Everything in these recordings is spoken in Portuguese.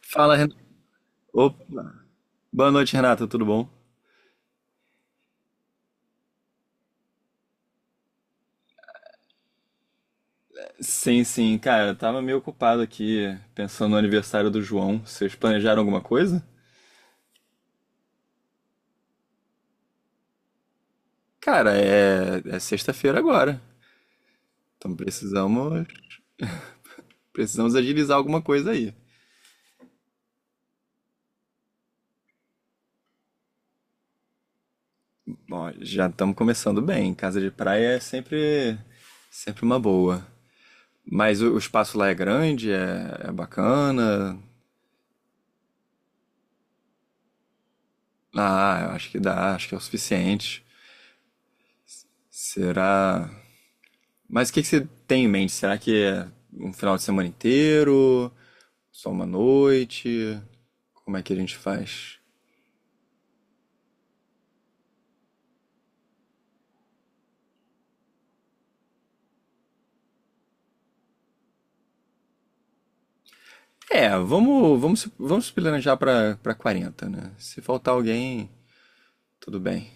Fala, Renato. Opa. Boa noite, Renata, tudo bom? Sim, sim, cara, eu tava meio ocupado aqui pensando no aniversário do João. Vocês planejaram alguma coisa? Cara, é sexta-feira agora. Então precisamos agilizar alguma coisa aí. Bom, já estamos começando bem. Casa de praia é sempre uma boa. Mas o espaço lá é grande, é bacana. Ah, eu acho que dá, acho que é o suficiente. Será? Mas o que que você tem em mente? Será que é um final de semana inteiro? Só uma noite? Como é que a gente faz? É, vamos se planejar para quarenta, né? Se faltar alguém, tudo bem.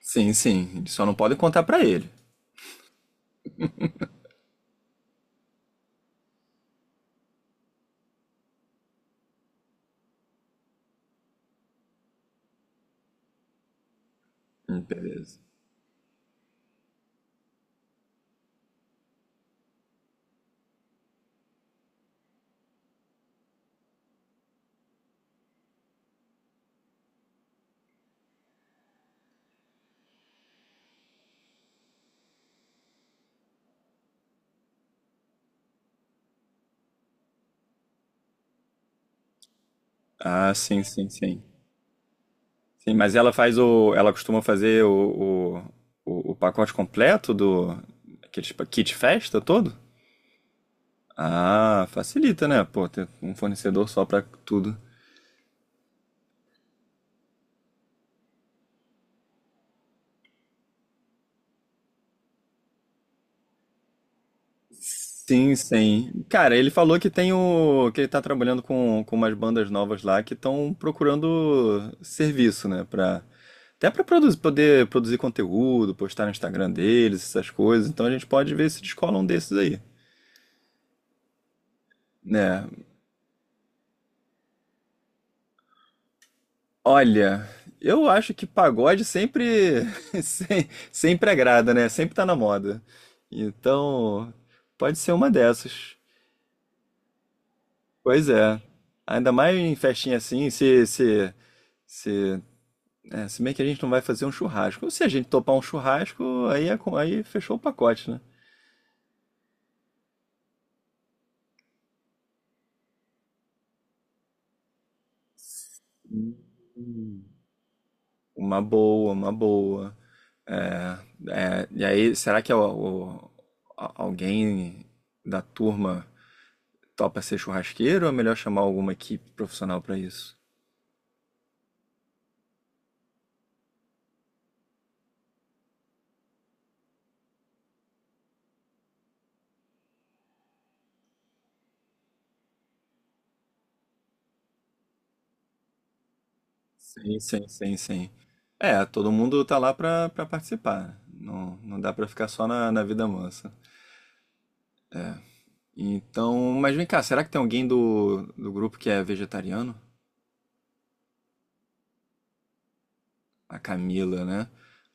Sim, sim, eles só não podem contar para ele. Hum. Beleza. Ah, sim, sim, sim. Sim, mas ela faz o, ela costuma fazer o pacote completo do aquele tipo, kit festa todo? Ah, facilita, né? Pô, ter um fornecedor só pra tudo. Sim, sim. Cara, ele falou que tem o, que ele tá trabalhando com umas bandas novas lá que estão procurando serviço, né, até pra produzir, poder produzir conteúdo, postar no Instagram deles, essas coisas. Então a gente pode ver se descola um desses aí, né? Olha, eu acho que pagode sempre sempre agrada, né? Sempre tá na moda. Então, pode ser uma dessas. Pois é. Ainda mais em festinha assim, se É, se bem que a gente não vai fazer um churrasco. Se a gente topar um churrasco, aí, é, aí fechou o pacote, né? Uma boa, uma boa. É, é, e aí, será que é alguém da turma topa ser churrasqueiro ou é melhor chamar alguma equipe profissional para isso? Sim, sim, sim, sim. É, todo mundo tá lá pra participar. Não, não dá pra ficar só na vida mansa. Então, mas vem cá, será que tem alguém do grupo que é vegetariano? A Camila, né?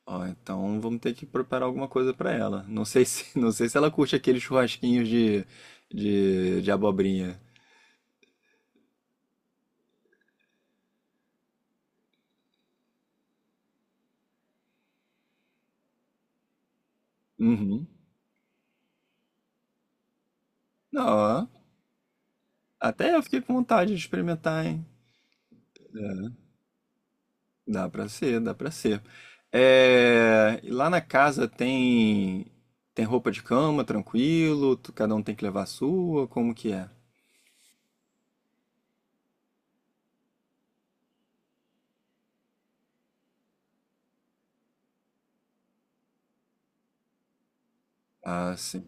Ó, então vamos ter que preparar alguma coisa pra ela. Não sei se, não sei se ela curte aqueles churrasquinhos de abobrinha. Uhum. Não, ó, até eu fiquei com vontade de experimentar, hein? Dá pra ser, dá pra ser. É, e lá na casa tem tem roupa de cama, tranquilo, cada um tem que levar a sua, como que é? Ah, sim.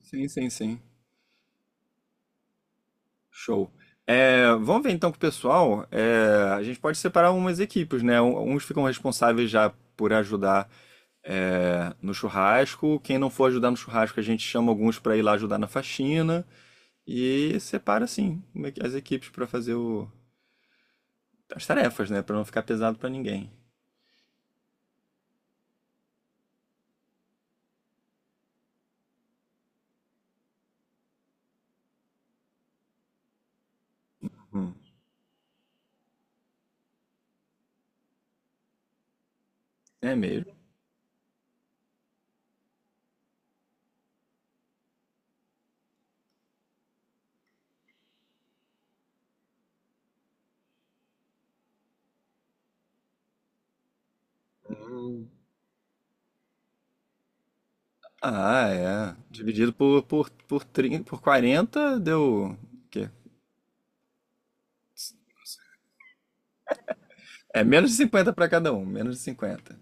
Sim, sim, sim. Show. É, vamos ver então com o pessoal. É, a gente pode separar umas equipes, né? Uns ficam responsáveis já por ajudar, é, no churrasco. Quem não for ajudar no churrasco, a gente chama alguns para ir lá ajudar na faxina. E separa, assim, uma as equipes para fazer o- as tarefas, né? Para não ficar pesado para ninguém. Hum. É mesmo? Ah, é. Dividido por, 30, por 40 deu. O quê? É menos de 50 para cada um, menos de 50.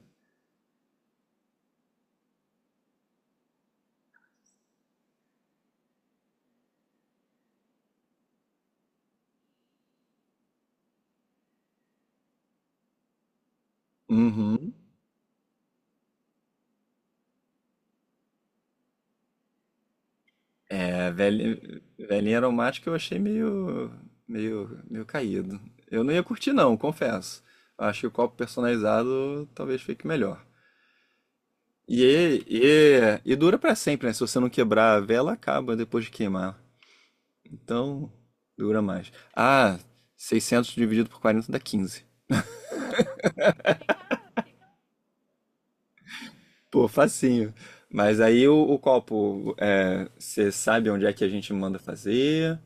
Uhum. A velhinha, velhinha aromática eu achei meio caído. Eu não ia curtir não, confesso. Acho que o copo personalizado talvez fique melhor. E, e dura pra sempre, né? Se você não quebrar a vela, acaba depois de queimar. Então, dura mais. Ah, 600 dividido por 40 dá 15. Pô, facinho. Mas aí o copo, é, você sabe onde é que a gente manda fazer?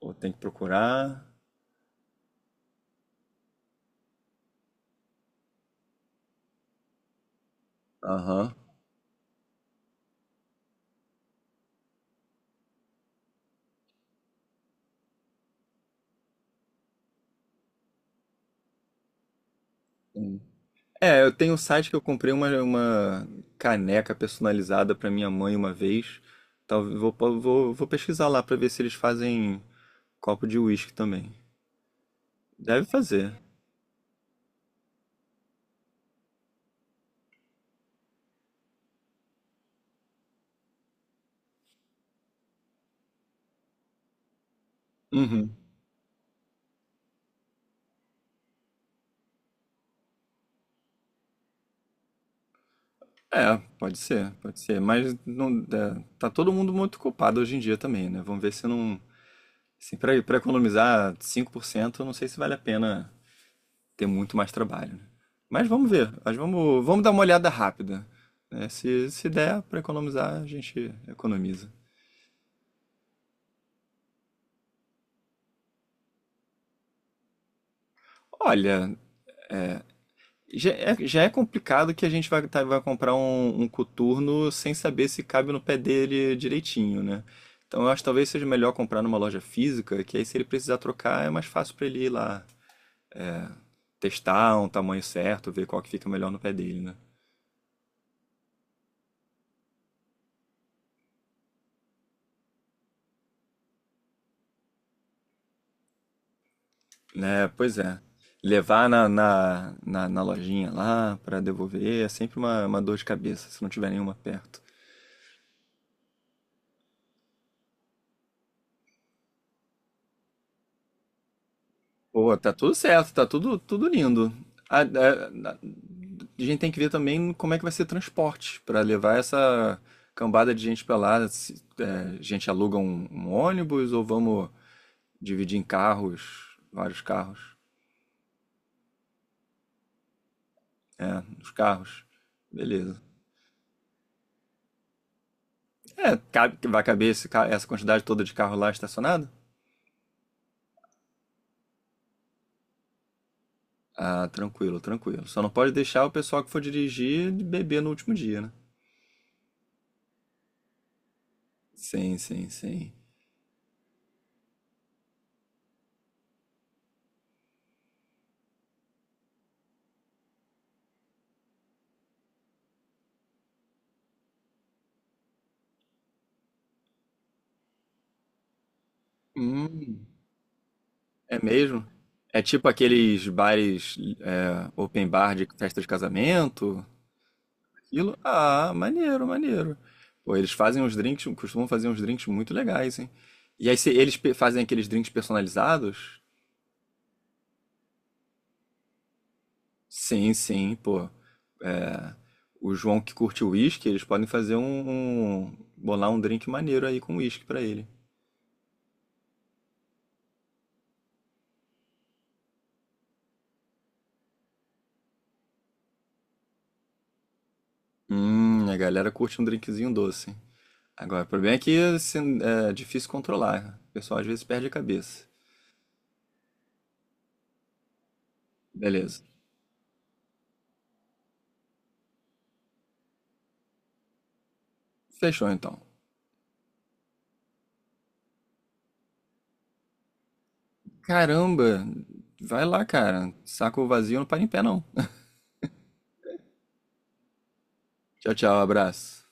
Ou tem que procurar? Aham. Hum. É, eu tenho um site que eu comprei uma caneca personalizada para minha mãe uma vez. Talvez vou pesquisar lá para ver se eles fazem copo de uísque também. Deve fazer. Uhum. É, pode ser, pode ser. Mas não, é, tá todo mundo muito culpado hoje em dia também, né? Vamos ver se não. Assim, para economizar 5%, eu não sei se vale a pena ter muito mais trabalho, né? Mas vamos ver. Mas vamos dar uma olhada rápida, né? Se der para economizar, a gente economiza. Olha, já é complicado que a gente vai, vai comprar um coturno sem saber se cabe no pé dele direitinho, né? Então eu acho que talvez seja melhor comprar numa loja física, que aí se ele precisar trocar é mais fácil pra ele ir lá testar um tamanho certo, ver qual que fica melhor no pé dele, né? É, pois é. Levar na lojinha lá pra devolver é sempre uma dor de cabeça, se não tiver nenhuma perto. Pô, tá tudo certo, tá tudo, tudo lindo. A, a- a- a gente tem que ver também como é que vai ser transporte para levar essa cambada de gente pra lá. Se, é, a gente aluga um ônibus ou vamos dividir em carros, vários carros. É, os carros. Beleza. É, cabe, vai caber essa quantidade toda de carro lá estacionado? Ah, tranquilo, tranquilo. Só não pode deixar o pessoal que for dirigir beber no último dia, né? Sim, sim, sim. Hum. É mesmo? É tipo aqueles bares, é, open bar de festa de casamento? Aquilo? Ah, maneiro, maneiro. Pô, eles fazem uns drinks, costumam fazer uns drinks muito legais, hein? E aí se eles fazem aqueles drinks personalizados? Sim, sim, pô. É. O João que curte uísque, eles podem fazer bolar um drink maneiro aí com uísque pra ele. A galera curte um drinkzinho doce. Agora, o problema é que assim, é difícil controlar, né? O pessoal às vezes perde a cabeça. Beleza. Fechou então. Caramba, vai lá, cara. Saco vazio não para em pé, não. Tchau, tchau, abraço.